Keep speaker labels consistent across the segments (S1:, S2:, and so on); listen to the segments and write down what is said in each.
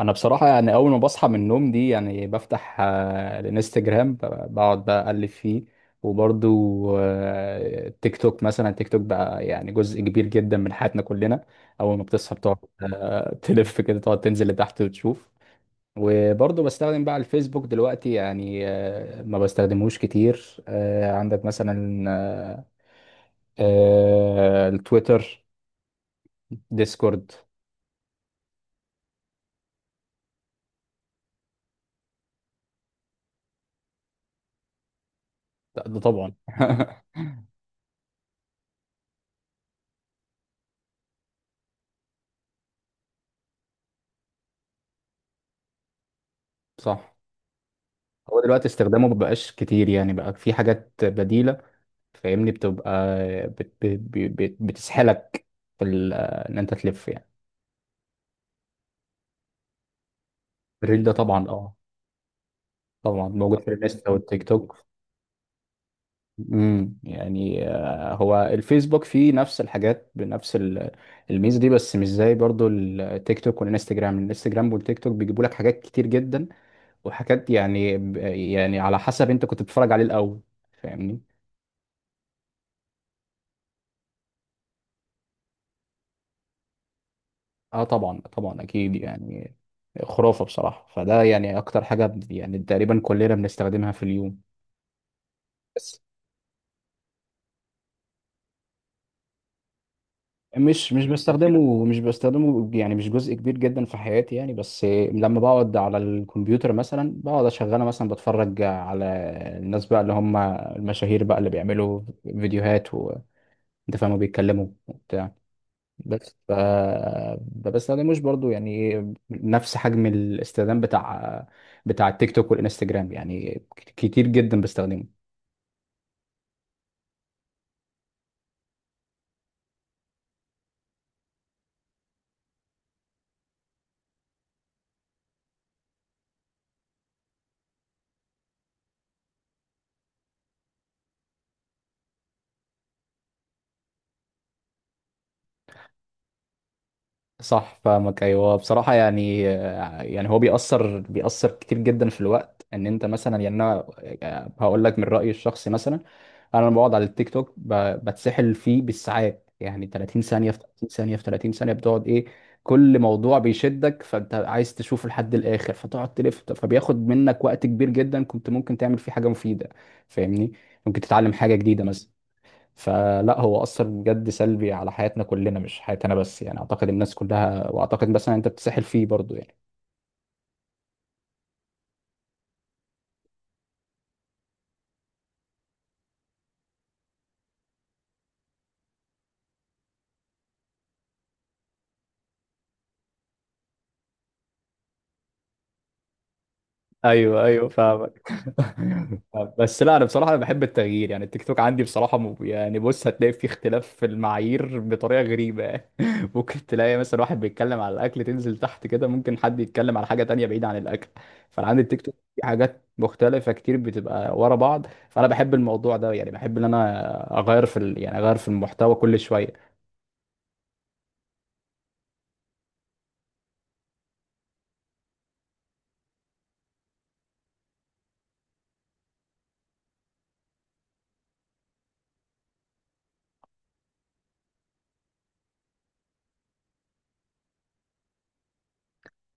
S1: انا بصراحه يعني اول ما بصحى من النوم دي يعني بفتح الانستجرام بقعد بقى اقلب فيه. وبرضو تيك توك مثلا تيك توك بقى يعني جزء كبير جدا من حياتنا كلنا. اول ما بتصحى بتقعد تلف كده تقعد تنزل لتحت وتشوف. وبرضو بستخدم بقى الفيسبوك دلوقتي يعني ما بستخدمهوش كتير. عندك مثلا التويتر، ديسكورد. ده طبعا. صح. هو دلوقتي استخدامه مبقاش كتير يعني بقى في حاجات بديلة. فاهمني بتبقى، بت بت بت بتسحلك في ان انت تلف يعني. الريل ده طبعا اه، طبعا موجود في الانستا والتيك توك. يعني هو الفيسبوك فيه نفس الحاجات بنفس الميزة دي، بس مش زي برضو التيك توك والانستجرام. الانستجرام والتيك توك بيجيبوا لك حاجات كتير جدا وحاجات يعني، يعني على حسب انت كنت بتتفرج عليه الاول. فاهمني. اه طبعا طبعا اكيد يعني. خرافه بصراحه. فده يعني اكتر حاجه يعني تقريبا كلنا بنستخدمها في اليوم. بس مش بستخدمه. مش بستخدمه يعني مش جزء كبير جدا في حياتي يعني، بس لما بقعد على الكمبيوتر مثلا بقعد اشغله، مثلا بتفرج على الناس بقى اللي هم المشاهير بقى اللي بيعملوا فيديوهات وانت فاهم، بيتكلموا وبتاع. بس ما بستخدموش برضو يعني نفس حجم الاستخدام بتاع التيك توك والانستجرام يعني كتير جدا بستخدمه. صح فاهمك، ايوه بصراحه يعني. هو بيأثر كتير جدا في الوقت ان انت مثلا، يعني انا هقول لك من رأيي الشخصي مثلا. انا لما بقعد على التيك توك بتسحل فيه بالساعات، يعني 30 ثانيه في 30 ثانيه في 30 ثانيه بتقعد ايه. كل موضوع بيشدك فانت عايز تشوفه لحد الاخر فتقعد تلف، فبياخد منك وقت كبير جدا كنت ممكن تعمل فيه حاجه مفيده. فاهمني. ممكن تتعلم حاجه جديده مثلا. فلا، هو اثر بجد سلبي على حياتنا كلنا، مش حياتي انا بس يعني، اعتقد الناس كلها، واعتقد مثلا انت بتسحل فيه برضو يعني. ايوه ايوه فاهمك. بس لا، انا بصراحه انا بحب التغيير. يعني التيك توك عندي بصراحه يعني بص، هتلاقي فيه اختلاف في المعايير بطريقه غريبه. ممكن تلاقي مثلا واحد بيتكلم على الاكل، تنزل تحت كده ممكن حد يتكلم على حاجه تانية بعيده عن الاكل. فانا عندي التيك توك في حاجات مختلفه كتير بتبقى ورا بعض، فانا بحب الموضوع ده، يعني بحب ان انا اغير في يعني اغير في المحتوى كل شويه.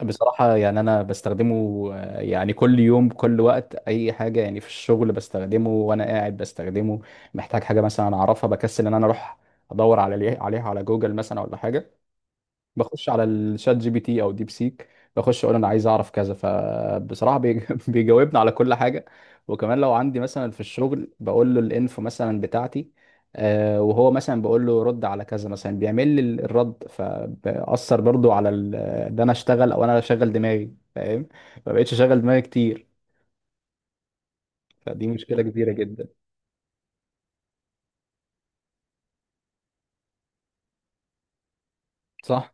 S1: بصراحة يعني أنا بستخدمه يعني كل يوم كل وقت، أي حاجة يعني في الشغل بستخدمه، وأنا قاعد بستخدمه. محتاج حاجة مثلا أعرفها بكسل إن أنا أروح أدور عليها على جوجل مثلا ولا حاجة. بخش على الشات جي بي تي او ديب سيك، بخش اقول انا عايز اعرف كذا، فبصراحه بيجاوبني على كل حاجه. وكمان لو عندي مثلا في الشغل بقول له الانفو مثلا بتاعتي، وهو مثلا بقول له رد على كذا مثلا، بيعمل لي الرد. فبأثر برضو على ان انا اشتغل، او انا اشغل دماغي فاهم. ما بقتش اشغل دماغي كتير. فدي مشكله كبيره جدا. صح.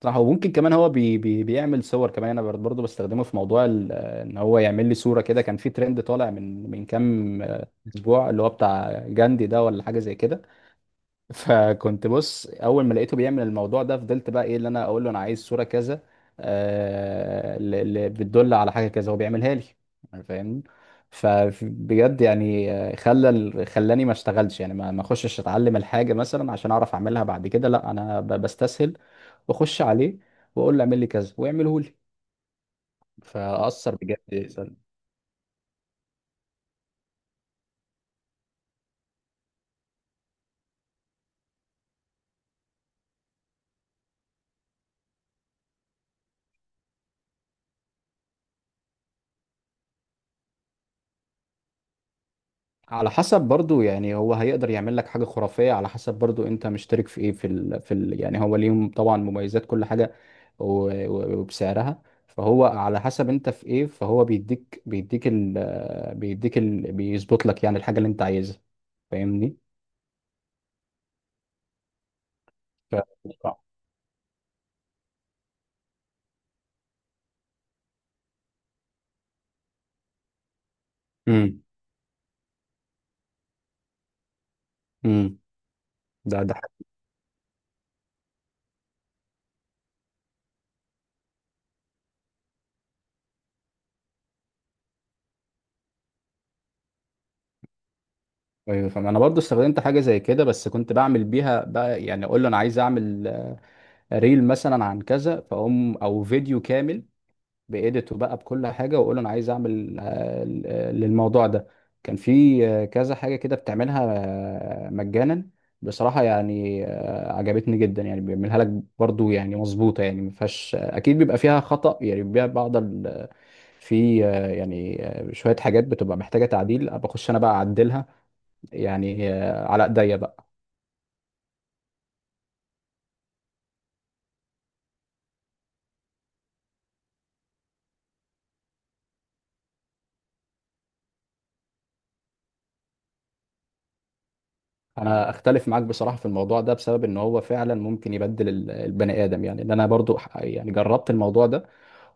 S1: صح. وممكن كمان هو بي بي بيعمل صور كمان. انا برضه بستخدمه في موضوع ان هو يعمل لي صوره كده. كان في ترند طالع من كام اسبوع اللي هو بتاع جاندي ده ولا حاجه زي كده. فكنت بص اول ما لقيته بيعمل الموضوع ده، فضلت بقى ايه اللي انا اقول له انا عايز صوره كذا اللي بتدل على حاجه كذا، هو بيعملها لي. فاهمني. فبجد يعني خلى خلاني ما اشتغلش يعني، ما اخشش اتعلم الحاجه مثلا عشان اعرف اعملها بعد كده، لا انا بستسهل واخش عليه واقول له اعمل لي كذا ويعمله لي. فاثر بجد سلبي. على حسب برضو يعني، هو هيقدر يعمل لك حاجه خرافيه على حسب برضو انت مشترك في ايه يعني هو ليهم طبعا مميزات كل حاجه، و... وبسعرها. فهو على حسب انت في ايه، فهو بيديك بيظبط لك يعني الحاجه اللي انت عايزها. فاهمني. ف... امم امم ده حاجة. ايوه فاهم. انا برضو استخدمت حاجه زي كده، بس كنت بعمل بيها بقى يعني اقول له انا عايز اعمل ريل مثلا عن كذا، فاقوم او فيديو كامل بإيديته بقى بكل حاجه، واقول له انا عايز اعمل للموضوع ده. كان في كذا حاجه كده بتعملها مجانا. بصراحه يعني عجبتني جدا يعني، بيعملها لك برضو يعني مظبوطه، يعني ما فيهاش اكيد، بيبقى فيها خطأ يعني بيبقى بعض في يعني شويه حاجات بتبقى محتاجه تعديل. بخش انا بقى اعدلها يعني على ايديا بقى. انا اختلف معاك بصراحه في الموضوع ده، بسبب ان هو فعلا ممكن يبدل البني ادم. يعني ان انا برضو يعني جربت الموضوع ده،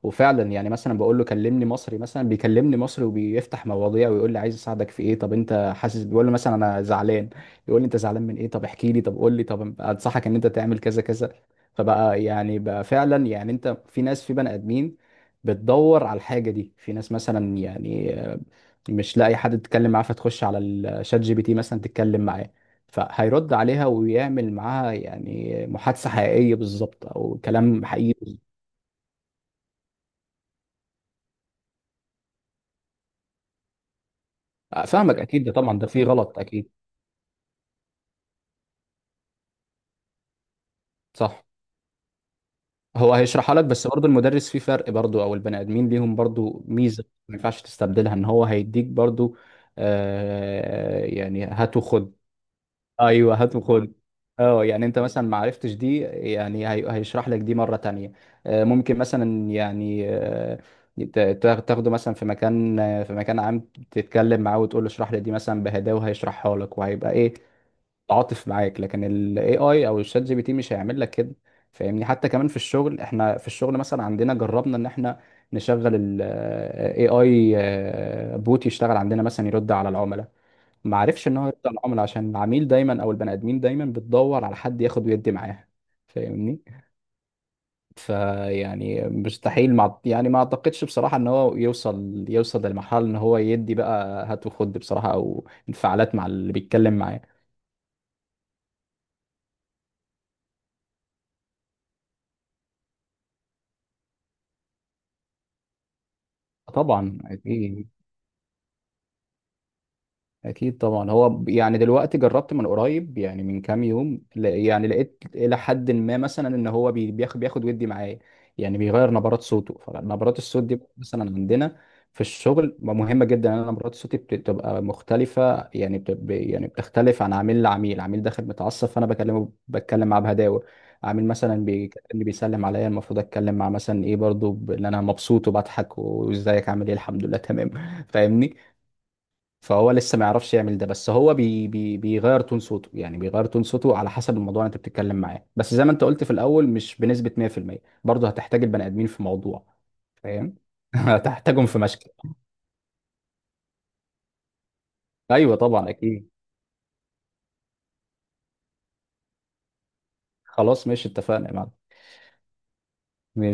S1: وفعلا يعني مثلا بقول له كلمني مصري مثلا، بيكلمني مصري وبيفتح مواضيع ويقول لي عايز اساعدك في ايه، طب انت حاسس، بيقول له مثلا انا زعلان، يقول لي انت زعلان من ايه، طب احكي لي، طب قول لي، طب انصحك ان انت تعمل كذا كذا. فبقى يعني بقى فعلا يعني، انت في ناس، في بني ادمين بتدور على الحاجه دي، في ناس مثلا يعني مش لاقي حد تتكلم معاه، فتخش على الشات جي بي تي مثلا تتكلم معاه، فهيرد عليها ويعمل معاها يعني محادثة حقيقية بالظبط، أو كلام حقيقي. فاهمك اكيد. ده طبعا ده فيه غلط اكيد. صح. هو هيشرحها لك بس برضه المدرس فيه فرق برضه، او البني ادمين ليهم برضه ميزه ما ينفعش تستبدلها، ان هو هيديك برضه آه يعني هات وخد. ايوه هات وخد. اه يعني انت مثلا ما عرفتش دي يعني هيشرح لك دي مره تانية. آه ممكن مثلا يعني آه تاخده مثلا في مكان في مكان عام، تتكلم معاه وتقول له اشرح لي دي مثلا بهداوه، وهيشرحها لك وهيبقى ايه تعاطف معاك. لكن ال AI او الشات جي بي تي مش هيعمل لك كده. فاهمني. حتى كمان في الشغل، احنا في الشغل مثلا عندنا جربنا ان احنا نشغل ال AI بوت يشتغل عندنا مثلا يرد على العملاء. ما عرفش ان هو يرد على العملاء عشان العميل دايما او البني ادمين دايما بتدور على حد ياخد ويدي معاها. فاهمني. فيعني مستحيل مع يعني، ما اعتقدش بصراحة ان هو يوصل للمرحلة ان هو يدي بقى هات وخد بصراحة، او انفعالات مع اللي بيتكلم معاه. طبعا اكيد. اكيد طبعا. هو يعني دلوقتي جربت من قريب يعني من كام يوم، يعني لقيت الى حد ما مثلا ان هو بياخد ودي معايا، يعني بيغير نبرات صوته. فنبرات الصوت دي مثلا عندنا في الشغل مهمه جدا، ان أنا نبرات صوتي بتبقى مختلفه يعني يعني بتختلف عن عميل لعميل. عميل داخل متعصب فانا بتكلم معاه بهداوه، عميل مثلا بيكلمني بيسلم عليا المفروض اتكلم مع مثلا ايه برضو ان انا مبسوط وبضحك وازيك عامل ايه الحمد لله تمام. فاهمني. فهو لسه ما يعرفش يعمل ده، بس هو بي بي بيغير تون صوته، يعني بيغير تون صوته على حسب الموضوع اللي انت بتتكلم معاه، بس زي ما انت قلت في الاول مش بنسبة 100%. برضه هتحتاج البني ادمين في موضوع فاهم. هتحتاجهم في مشكل. ايوه طبعا اكيد. خلاص ماشي، اتفقنا يا معلم.